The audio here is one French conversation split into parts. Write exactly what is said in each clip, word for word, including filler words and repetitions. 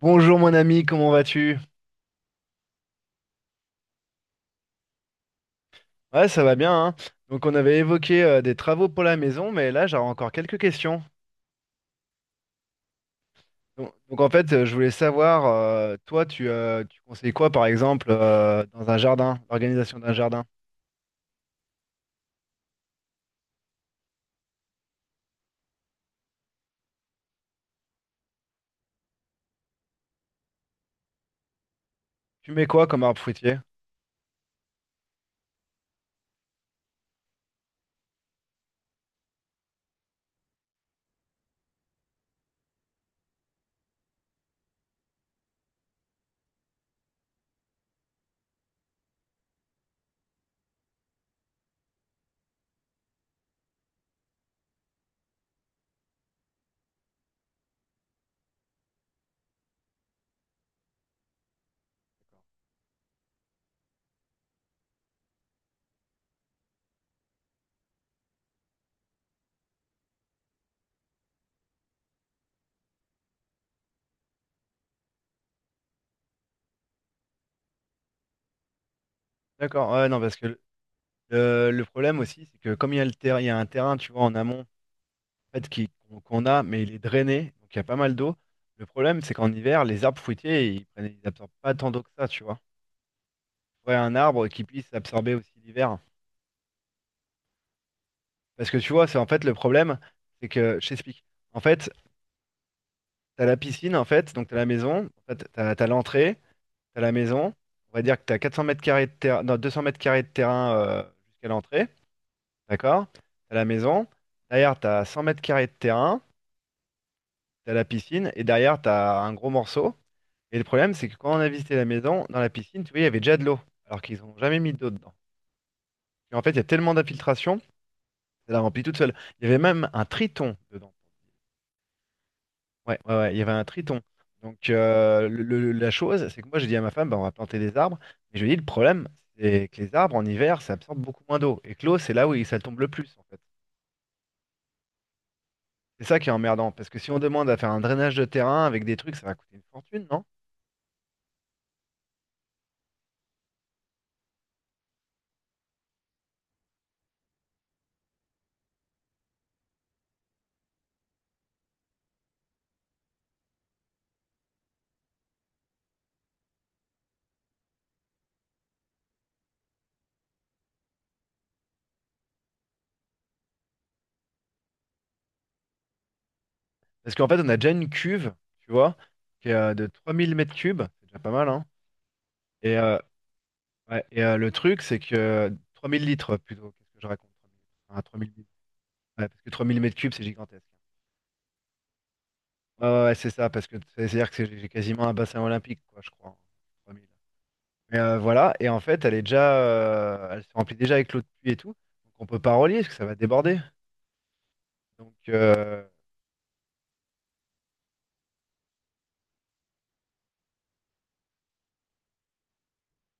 Bonjour mon ami, comment vas-tu? Ouais, ça va bien, hein. Donc on avait évoqué euh, des travaux pour la maison, mais là j'aurais encore quelques questions. Donc, donc, en fait, euh, je voulais savoir, euh, toi, tu, euh, tu conseilles quoi par exemple euh, dans un jardin, l'organisation d'un jardin? Tu mets quoi comme arbre fruitier? D'accord, ouais, non, parce que le, le- le problème aussi, c'est que comme il y a le ter- il y a un terrain, tu vois, en amont, en fait, qui, qu'on qu'on a, mais il est drainé, donc il y a pas mal d'eau. Le problème, c'est qu'en hiver, les arbres fruitiers, ils prennent, ils absorbent pas tant d'eau que ça, tu vois. Ouais, un arbre qui puisse absorber aussi l'hiver. Parce que tu vois, c'est en fait le problème, c'est que je t'explique. En fait, t'as la piscine, en fait, donc t'as la maison, en fait, t'as, t'as l'entrée, t'as la maison. On va dire que t'as quatre cents mètres carrés de terrain, non, deux cents mètres carrés de terrain euh, jusqu'à l'entrée, d'accord? T'as la maison. Derrière, t'as cent mètres carrés de terrain, t'as la piscine, et derrière, t'as un gros morceau. Et le problème, c'est que quand on a visité la maison, dans la piscine, tu vois, il y avait déjà de l'eau, alors qu'ils n'ont jamais mis d'eau dedans. Et en fait, il y a tellement d'infiltration, ça la remplit toute seule. Il y avait même un triton dedans. Ouais, ouais, ouais, il y avait un triton. Donc euh, le- le- la chose, c'est que moi j'ai dit à ma femme, bah, on va planter des arbres, mais je lui ai dit le problème, c'est que les arbres en hiver, ça absorbe beaucoup moins d'eau. Et que l'eau, c'est là où il- ça tombe le plus, en fait. C'est ça qui est emmerdant, parce que si on demande à faire un drainage de terrain avec des trucs, ça va coûter une fortune, non? Parce qu'en fait, on a déjà une cuve, tu vois, qui est euh, de trois mille mètres cubes, c'est déjà pas mal, hein. Et, euh, ouais, et euh, le truc, c'est que euh, trois mille litres plutôt, qu'est-ce que je raconte? trois mille. Ah, trois mille litres. Ouais, parce que trois mille mètres cubes, c'est gigantesque. Ouais, ouais, ouais, c'est ça, parce que c'est-à-dire que c'est j'ai quasiment un bassin olympique, quoi, je crois. En trois mille. Mais euh, voilà, et en fait, elle est déjà, euh, elle se remplit déjà avec l'eau de pluie et tout, donc on peut pas relier parce que ça va déborder. Donc euh,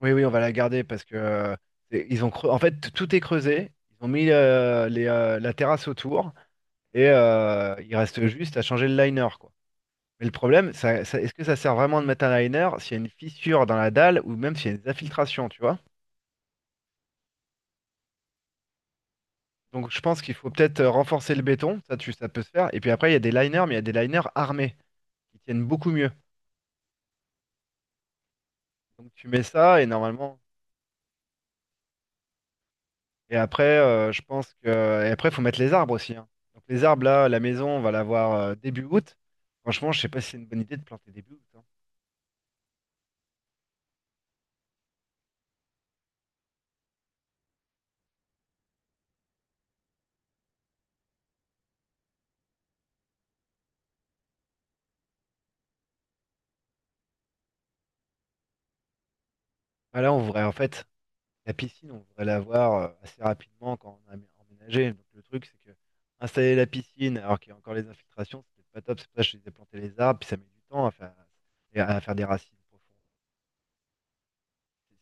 oui, oui, on va la garder parce que euh, c'est- ils ont creu- en fait t- tout est creusé, ils ont mis euh, les, euh, la terrasse autour et euh, il reste juste à changer le liner, quoi. Mais le problème, ça- ça- est-ce que ça sert vraiment de mettre un liner s'il y a une fissure dans la dalle ou même s'il y a des infiltrations, tu vois? Donc je pense qu'il faut peut-être euh, renforcer le béton, ça, tu, ça peut se faire. Et puis après, il y a des liners, mais il y a des liners armés qui tiennent beaucoup mieux. Donc tu mets ça et normalement. Et après, euh, je pense que. Et après, il faut mettre les arbres aussi, hein. Donc les arbres, là, la maison, on va l'avoir euh, début août. Franchement, je sais pas si c'est une bonne idée de planter début août, hein. Ah, là, on voudrait, en fait, la piscine, on voudrait l'avoir euh, assez rapidement quand on a emménagé. Donc le truc, c'est que installer la piscine, alors qu'il y a encore les infiltrations, c'est peut-être pas top. C'est pour ça que je disais planter les arbres, puis ça met du temps à faire, et à faire des racines profondes.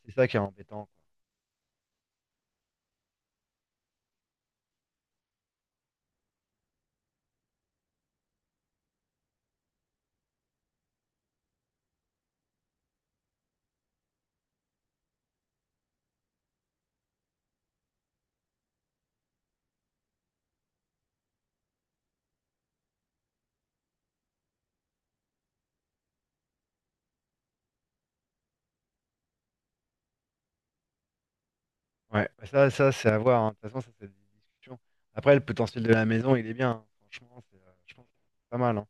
C'est ça qui est embêtant, quoi. Ouais, bah ça, ça c'est à voir, hein. De toute façon, ça, c'est des discussions. Après, le potentiel de la maison, il est bien, hein. Franchement, c'est, euh, je pense que c'est pas mal, hein.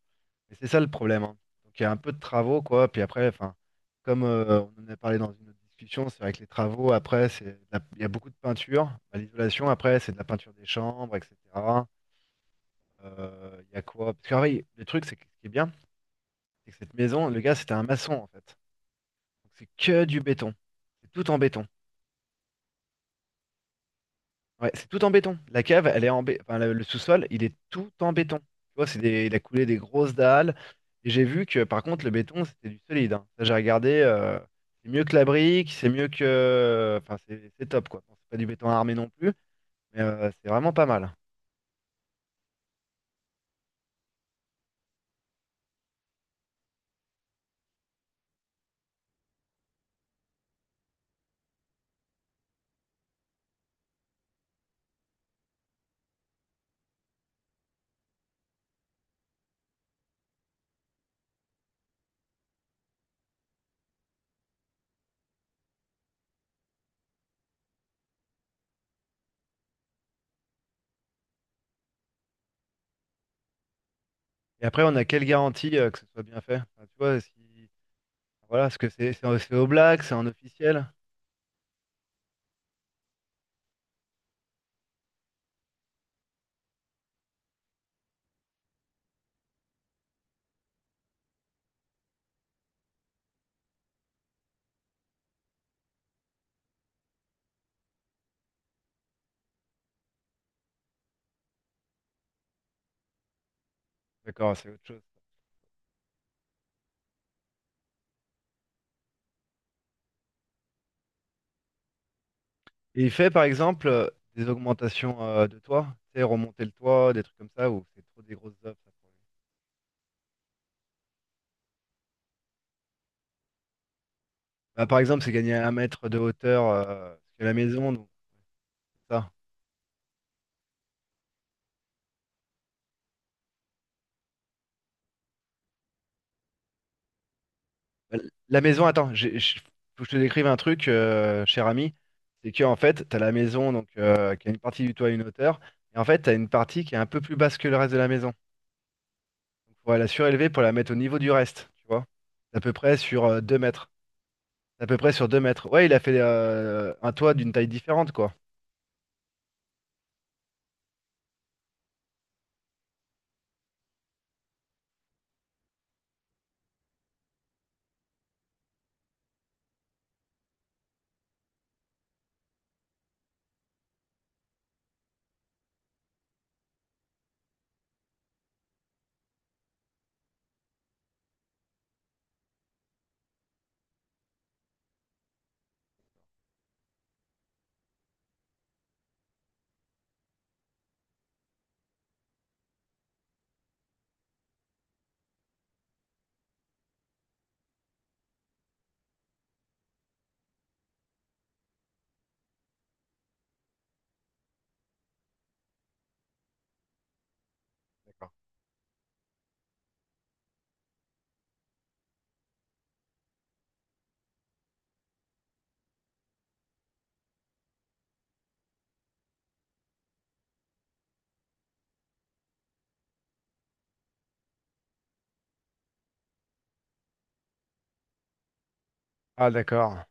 Mais c'est ça le problème, hein. Donc, il y a un peu de travaux, quoi. Puis après, enfin, comme euh, on en a parlé dans une autre discussion, c'est vrai que les travaux, après, c'est de la- il y a beaucoup de peinture. Bah, l'isolation, après, c'est de la peinture des chambres, et cetera. Euh, Il y a quoi? Parce que, ah oui, le truc, c'est que ce qui est bien, c'est que cette maison, le gars, c'était un maçon, en fait. Donc, c'est que du béton. C'est tout en béton. Ouais, c'est tout en béton. La cave, elle est en bé- enfin, le, le sous-sol, il est tout en béton. Tu vois, c'est des... il a coulé des grosses dalles. Et j'ai vu que par contre, le béton, c'était du solide, hein. Ça, j'ai regardé. euh, C'est mieux que la brique, c'est mieux que. Enfin, c'est c'est top, quoi. Bon, c'est pas du béton armé non plus, mais euh, c'est vraiment pas mal. Et après, on a quelle garantie euh, que ce soit bien fait? Enfin, tu vois, si... voilà, est-ce que c'est c'est c'est au black, c'est en officiel? D'accord, c'est autre chose. Et il fait par exemple euh, des augmentations euh, de toit, tu sais, remonter le toit, des trucs comme ça, ou c'est trop des grosses œuvres, ça, pour lui. Bah, par exemple, c'est gagner un mètre de hauteur euh, parce que la maison, donc ça. Bah, la maison, attends, j'ai- j'ai- faut que je te décrive un truc, euh, cher ami. C'est que en fait, t'as la maison donc euh, qui a une partie du toit à une hauteur, et en fait, t'as une partie qui est un peu plus basse que le reste de la maison. Donc, faut la surélever pour la mettre au niveau du reste, tu vois. C'est à peu près sur euh, deux mètres. C'est à peu près sur deux mètres. Ouais, il a fait euh, un toit d'une taille différente, quoi. Ah d'accord.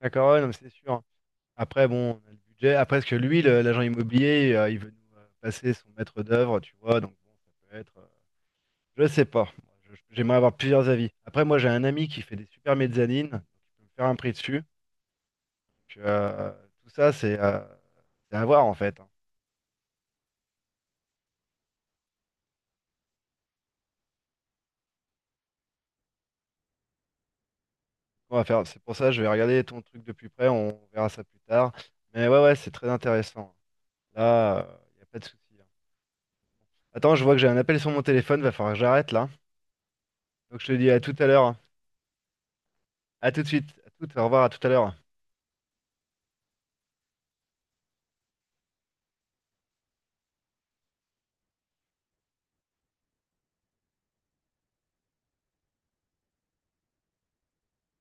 D'accord, ouais, non, mais c'est sûr. Après, bon, on a le budget. Après, parce que lui, le- l'agent immobilier, euh, il veut nous euh, passer son maître d'œuvre, tu vois. Donc bon, ça peut être. euh, Je sais pas. Moi, je- j'aimerais avoir plusieurs avis. Après, moi, j'ai un ami qui fait des super mezzanines. Donc, il peut me faire un prix dessus. Donc, euh, tout ça, c'est euh, c'est à voir en fait, hein. On va faire. C'est pour ça, je vais regarder ton truc de plus près. On verra ça plus tard. Mais ouais, ouais, c'est très intéressant. Là, il n'y a pas de souci, hein. Attends, je vois que j'ai un appel sur mon téléphone. Va falloir que j'arrête là. Donc je te dis à tout à l'heure, hein. À tout de suite. À tout, au revoir, à tout à l'heure.